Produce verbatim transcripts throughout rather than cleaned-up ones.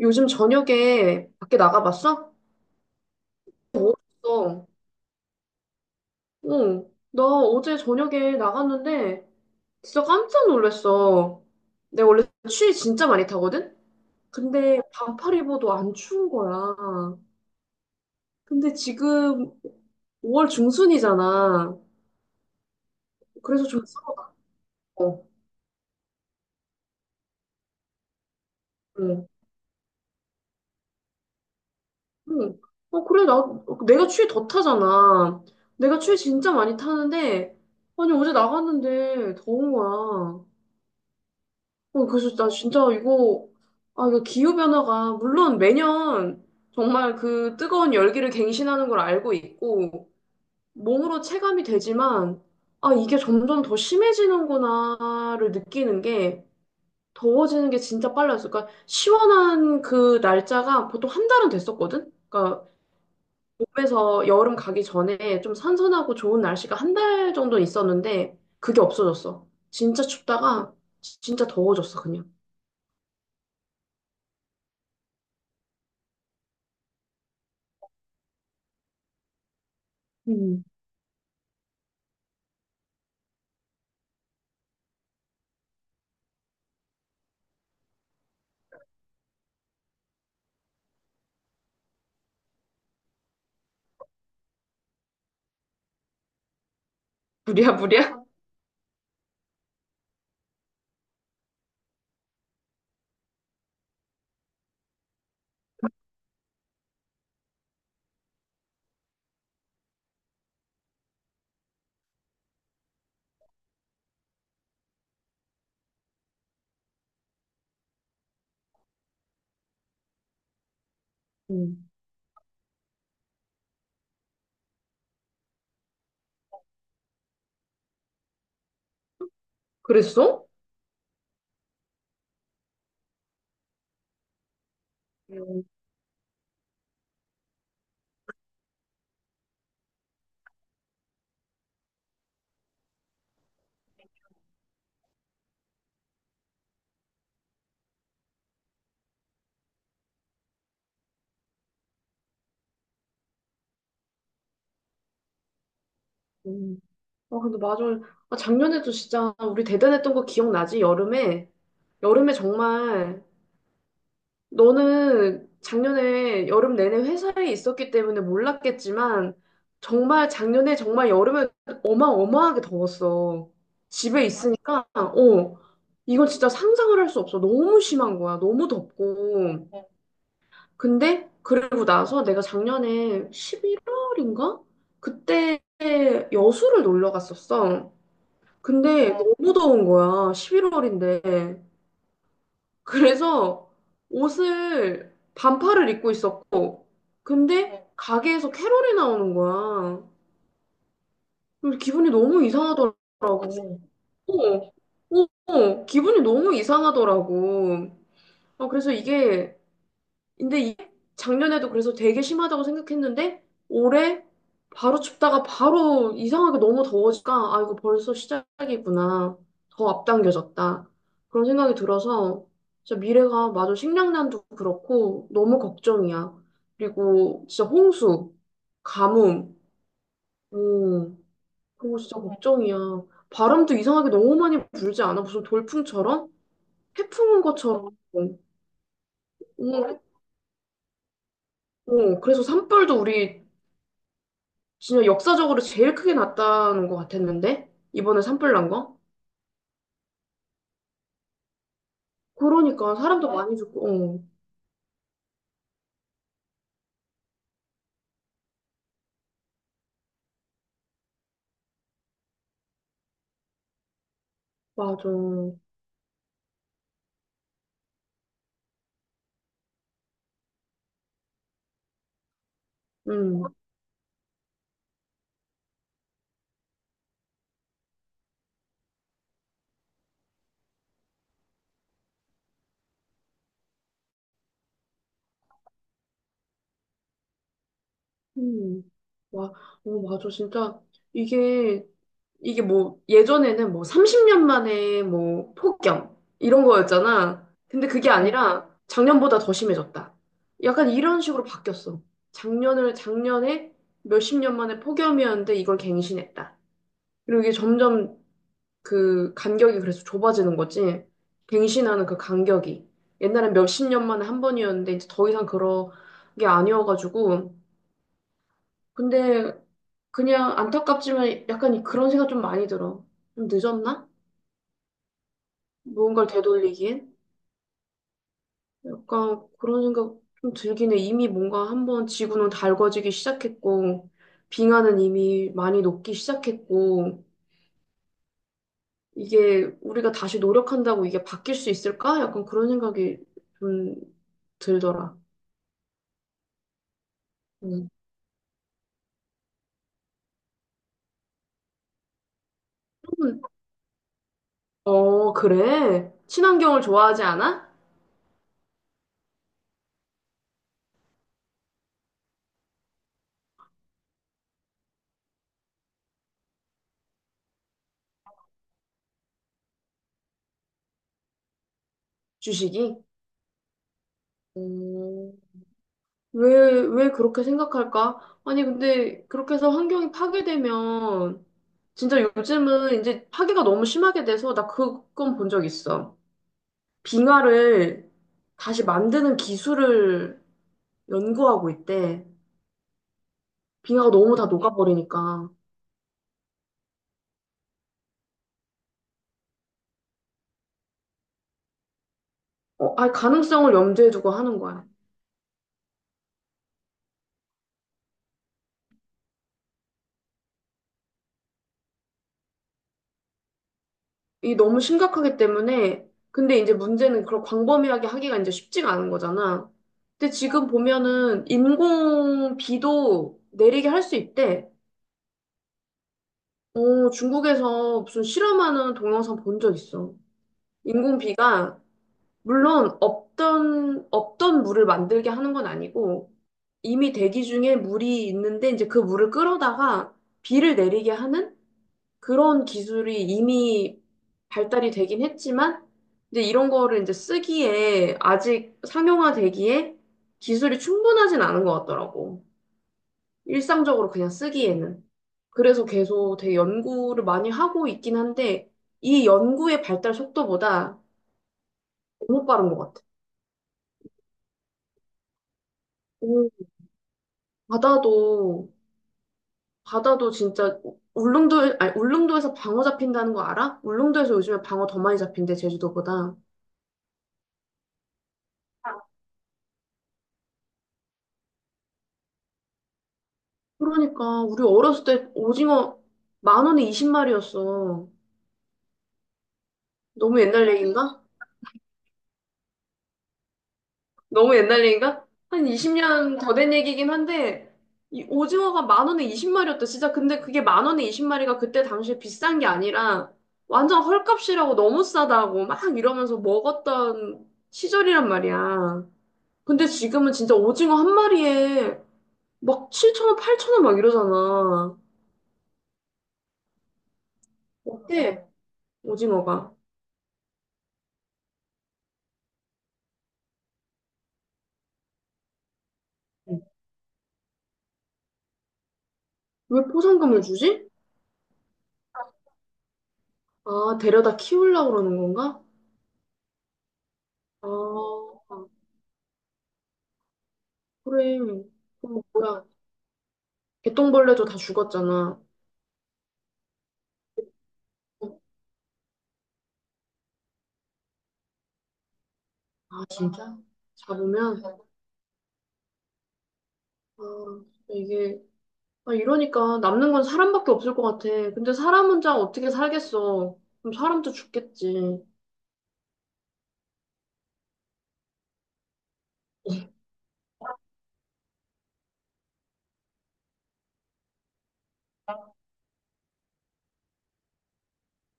요즘 저녁에 밖에 나가봤어? 어. 응. 나 어제 저녁에 나갔는데 진짜 깜짝 놀랐어. 내가 원래 추위 진짜 많이 타거든? 근데 반팔 입어도 안 추운 거야. 근데 지금 오 월 중순이잖아. 그래서 좀 서러워. 응. 응. 어, 그래, 나, 내가 추위 더 타잖아. 내가 추위 진짜 많이 타는데, 아니, 어제 나갔는데 더운 거야. 어, 그래서 나 진짜 이거, 아, 이거 기후변화가, 물론 매년 정말 그 뜨거운 열기를 갱신하는 걸 알고 있고, 몸으로 체감이 되지만, 아, 이게 점점 더 심해지는구나를 느끼는 게, 더워지는 게 진짜 빨라졌어. 그러니까, 시원한 그 날짜가 보통 한 달은 됐었거든? 그러니까, 몸에서 여름 가기 전에 좀 선선하고 좋은 날씨가 한 달 정도 있었는데, 그게 없어졌어. 진짜 춥다가, 진짜 더워졌어, 그냥. 음. 무리야무리야? 음. 그랬어? 음. 음. 아, 근데 맞아. 아, 작년에도 진짜 우리 대단했던 거 기억나지? 여름에. 여름에 정말 너는 작년에 여름 내내 회사에 있었기 때문에 몰랐겠지만 정말 작년에 정말 여름에 어마어마하게 더웠어. 집에 있으니까 어, 이건 진짜 상상을 할 수 없어. 너무 심한 거야. 너무 덥고. 근데 그러고 나서 내가 작년에 십일 월인가? 그때 여수를 놀러 갔었어. 근데 어, 너무 더운 거야. 십일 월인데. 그래서 옷을 반팔을 입고 있었고. 근데 어. 가게에서 캐롤이 나오는 거야. 그래서 기분이 너무 아, 진- 이상하더라고. 어, 어, 어, 기분이 너무 이상하더라고. 어, 그래서 음. 이게 근데 이- 작년에도 그래서 되게 심하다고 생각했는데 올해 바로 춥다가 바로 이상하게 너무 더워지니까 아 이거 벌써 시작이구나 더 앞당겨졌다 그런 생각이 들어서 진짜 미래가 마저 식량난도 그렇고 너무 걱정이야. 그리고 진짜 홍수, 가뭄. 음. 그거 진짜 걱정이야. 바람도 이상하게 너무 많이 불지 않아? 무슨 돌풍처럼 태풍 온 것처럼. 오. 어, 그래서 산불도 우리 진짜 역사적으로 제일 크게 났다는 것 같았는데? 이번에 산불 난 거? 그러니까 사람도 많이 죽고, 어, 맞아. 음. 음. 와. 어, 맞아. 진짜 이게, 이게 뭐 예전에는 뭐 삼십 년 만에 뭐 폭염 이런 거였잖아. 근데 그게 아니라 작년보다 더 심해졌다. 약간 이런 식으로 바뀌었어. 작년을, 작년에 몇십 년 만에 폭염이었는데 이걸 갱신했다. 그리고 이게 점점 그 간격이 그래서 좁아지는 거지. 갱신하는 그 간격이. 옛날엔 몇십 년 만에 한 번이었는데 이제 더 이상 그런 게 아니어가지고. 근데 그냥 안타깝지만 약간 이- 그런 생각 좀 많이 들어. 좀 늦었나? 뭔가를 되돌리기엔? 약간 그런 생각 좀 들긴 해. 이미 뭔가 한번 지구는 달궈지기 시작했고, 빙하는 이미 많이 녹기 시작했고, 이게 우리가 다시 노력한다고 이게 바뀔 수 있을까? 약간 그런 생각이 좀 들더라. 음. 어, 그래. 친환경을 좋아하지 않아? 주식이? 음. 왜, 왜 그렇게 생각할까? 아니, 근데 그렇게 해서 환경이 파괴되면 진짜 요즘은 이제 파괴가 너무 심하게 돼서 나 그건 본 적 있어. 빙하를 다시 만드는 기술을 연구하고 있대. 빙하가 너무 다 녹아버리니까. 어, 아, 가능성을 염두에 두고 하는 거야. 이 너무 심각하기 때문에, 근데 이제 문제는 그런 광범위하게 하기가 이제 쉽지가 않은 거잖아. 근데 지금 보면은 인공 비도 내리게 할 수 있대. 어, 중국에서 무슨 실험하는 동영상 본 적 있어. 인공 비가, 물론 없던, 없던 물을 만들게 하는 건 아니고, 이미 대기 중에 물이 있는데 이제 그 물을 끌어다가 비를 내리게 하는 그런 기술이 이미 발달이 되긴 했지만, 근데 이런 거를 이제 쓰기에 아직 상용화되기에 기술이 충분하진 않은 것 같더라고. 일상적으로 그냥 쓰기에는. 그래서 계속 되게 연구를 많이 하고 있긴 한데, 이 연구의 발달 속도보다 너무 빠른 것 같아. 오. 바다도, 바다도 진짜 울릉도, 아니, 울릉도에서 방어 잡힌다는 거 알아? 울릉도에서 요즘에 방어 더 많이 잡힌대, 제주도보다. 그러니까 우리 어렸을 때 오징어 만 원에 스무 마리였어. 너무 옛날 얘기인가? 너무 옛날 얘기인가? 한 이십 년 더 된 얘기긴 한데 이 오징어가 만 원에 스무 마리였다. 진짜 근데 그게 만 원에 스무 마리가 그때 당시에 비싼 게 아니라 완전 헐값이라고 너무 싸다고 막 이러면서 먹었던 시절이란 말이야. 근데 지금은 진짜 오징어 한 마리에 막 칠천 원, 팔천 원 막 이러잖아. 어때? 오징어가. 왜 포상금을 주지? 아, 데려다 키우려고 그러는 건가? 아. 아. 그래. 그럼 뭐야. 개똥벌레도 다 죽었잖아. 어? 아, 진짜? 잡으면? 아, 이게, 아, 이러니까 남는 건 사람밖에 없을 것 같아. 근데 사람 혼자 어떻게 살겠어. 그럼 사람도 죽겠지.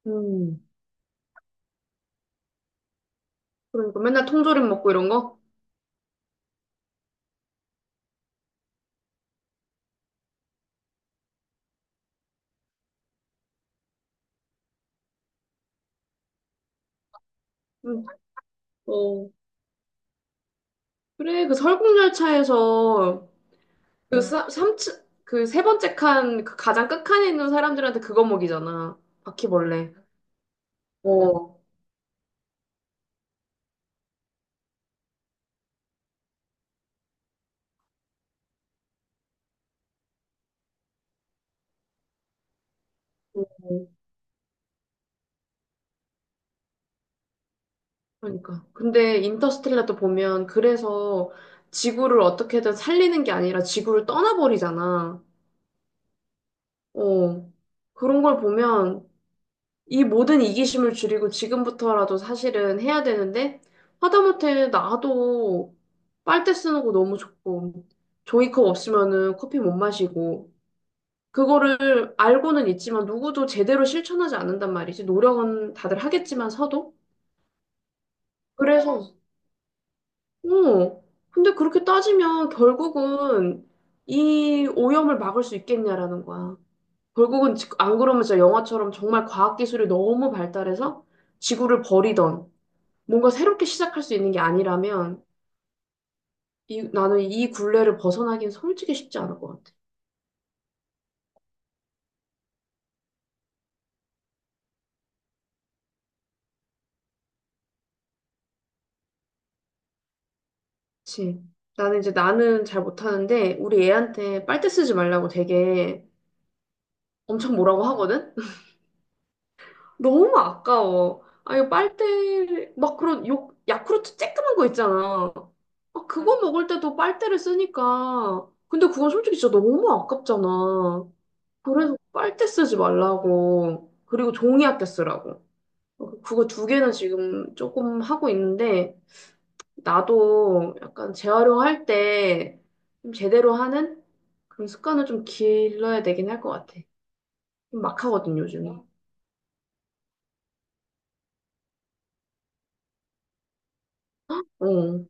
음. 그러니까 맨날 통조림 먹고 이런 거? 음. 어. 그래, 그 설국열차에서 그 사, 삼층, 그 세 번째 칸, 그 가장 끝칸에 있는 사람들한테 그거 먹이잖아. 바퀴벌레. 어. 그러니까. 근데 인터스텔라도 보면 그래서 지구를 어떻게든 살리는 게 아니라 지구를 떠나버리잖아. 어. 그런 걸 보면 이 모든 이기심을 줄이고 지금부터라도 사실은 해야 되는데 하다못해 나도 빨대 쓰는 거 너무 좋고 종이컵 없으면은 커피 못 마시고 그거를 알고는 있지만 누구도 제대로 실천하지 않는단 말이지. 노력은 다들 하겠지만 서도. 그래서 어, 근데 그렇게 따지면 결국은 이 오염을 막을 수 있겠냐라는 거야. 결국은 지- 안 그러면 진짜 영화처럼 정말 과학기술이 너무 발달해서 지구를 버리던 뭔가 새롭게 시작할 수 있는 게 아니라면 이, 나는 이 굴레를 벗어나기는 솔직히 쉽지 않을 것 같아. 그치? 나는 이제 나는 잘 못하는데 우리 애한테 빨대 쓰지 말라고 되게 엄청 뭐라고 하거든? 너무 아까워. 아, 이 빨대, 막 그런 요, 야쿠르트 쬐끄만 거 있잖아. 아. 응. 그거 먹을 때도 빨대를 쓰니까. 근데 그건 솔직히 진짜 너무 아깝잖아. 그래서 빨대 쓰지 말라고. 그리고 종이 아껴 쓰라고. 그거 두 개는 지금 조금 하고 있는데, 나도 약간 재활용할 때좀 제대로 하는 그런 습관을 좀 길러야 되긴 할 것 같아. 좀 막하거든, 요즘에. 어.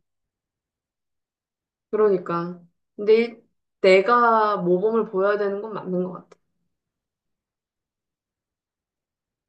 그러니까. 근데 일- 내가 모범을 보여야 되는 건 맞는 것 같아.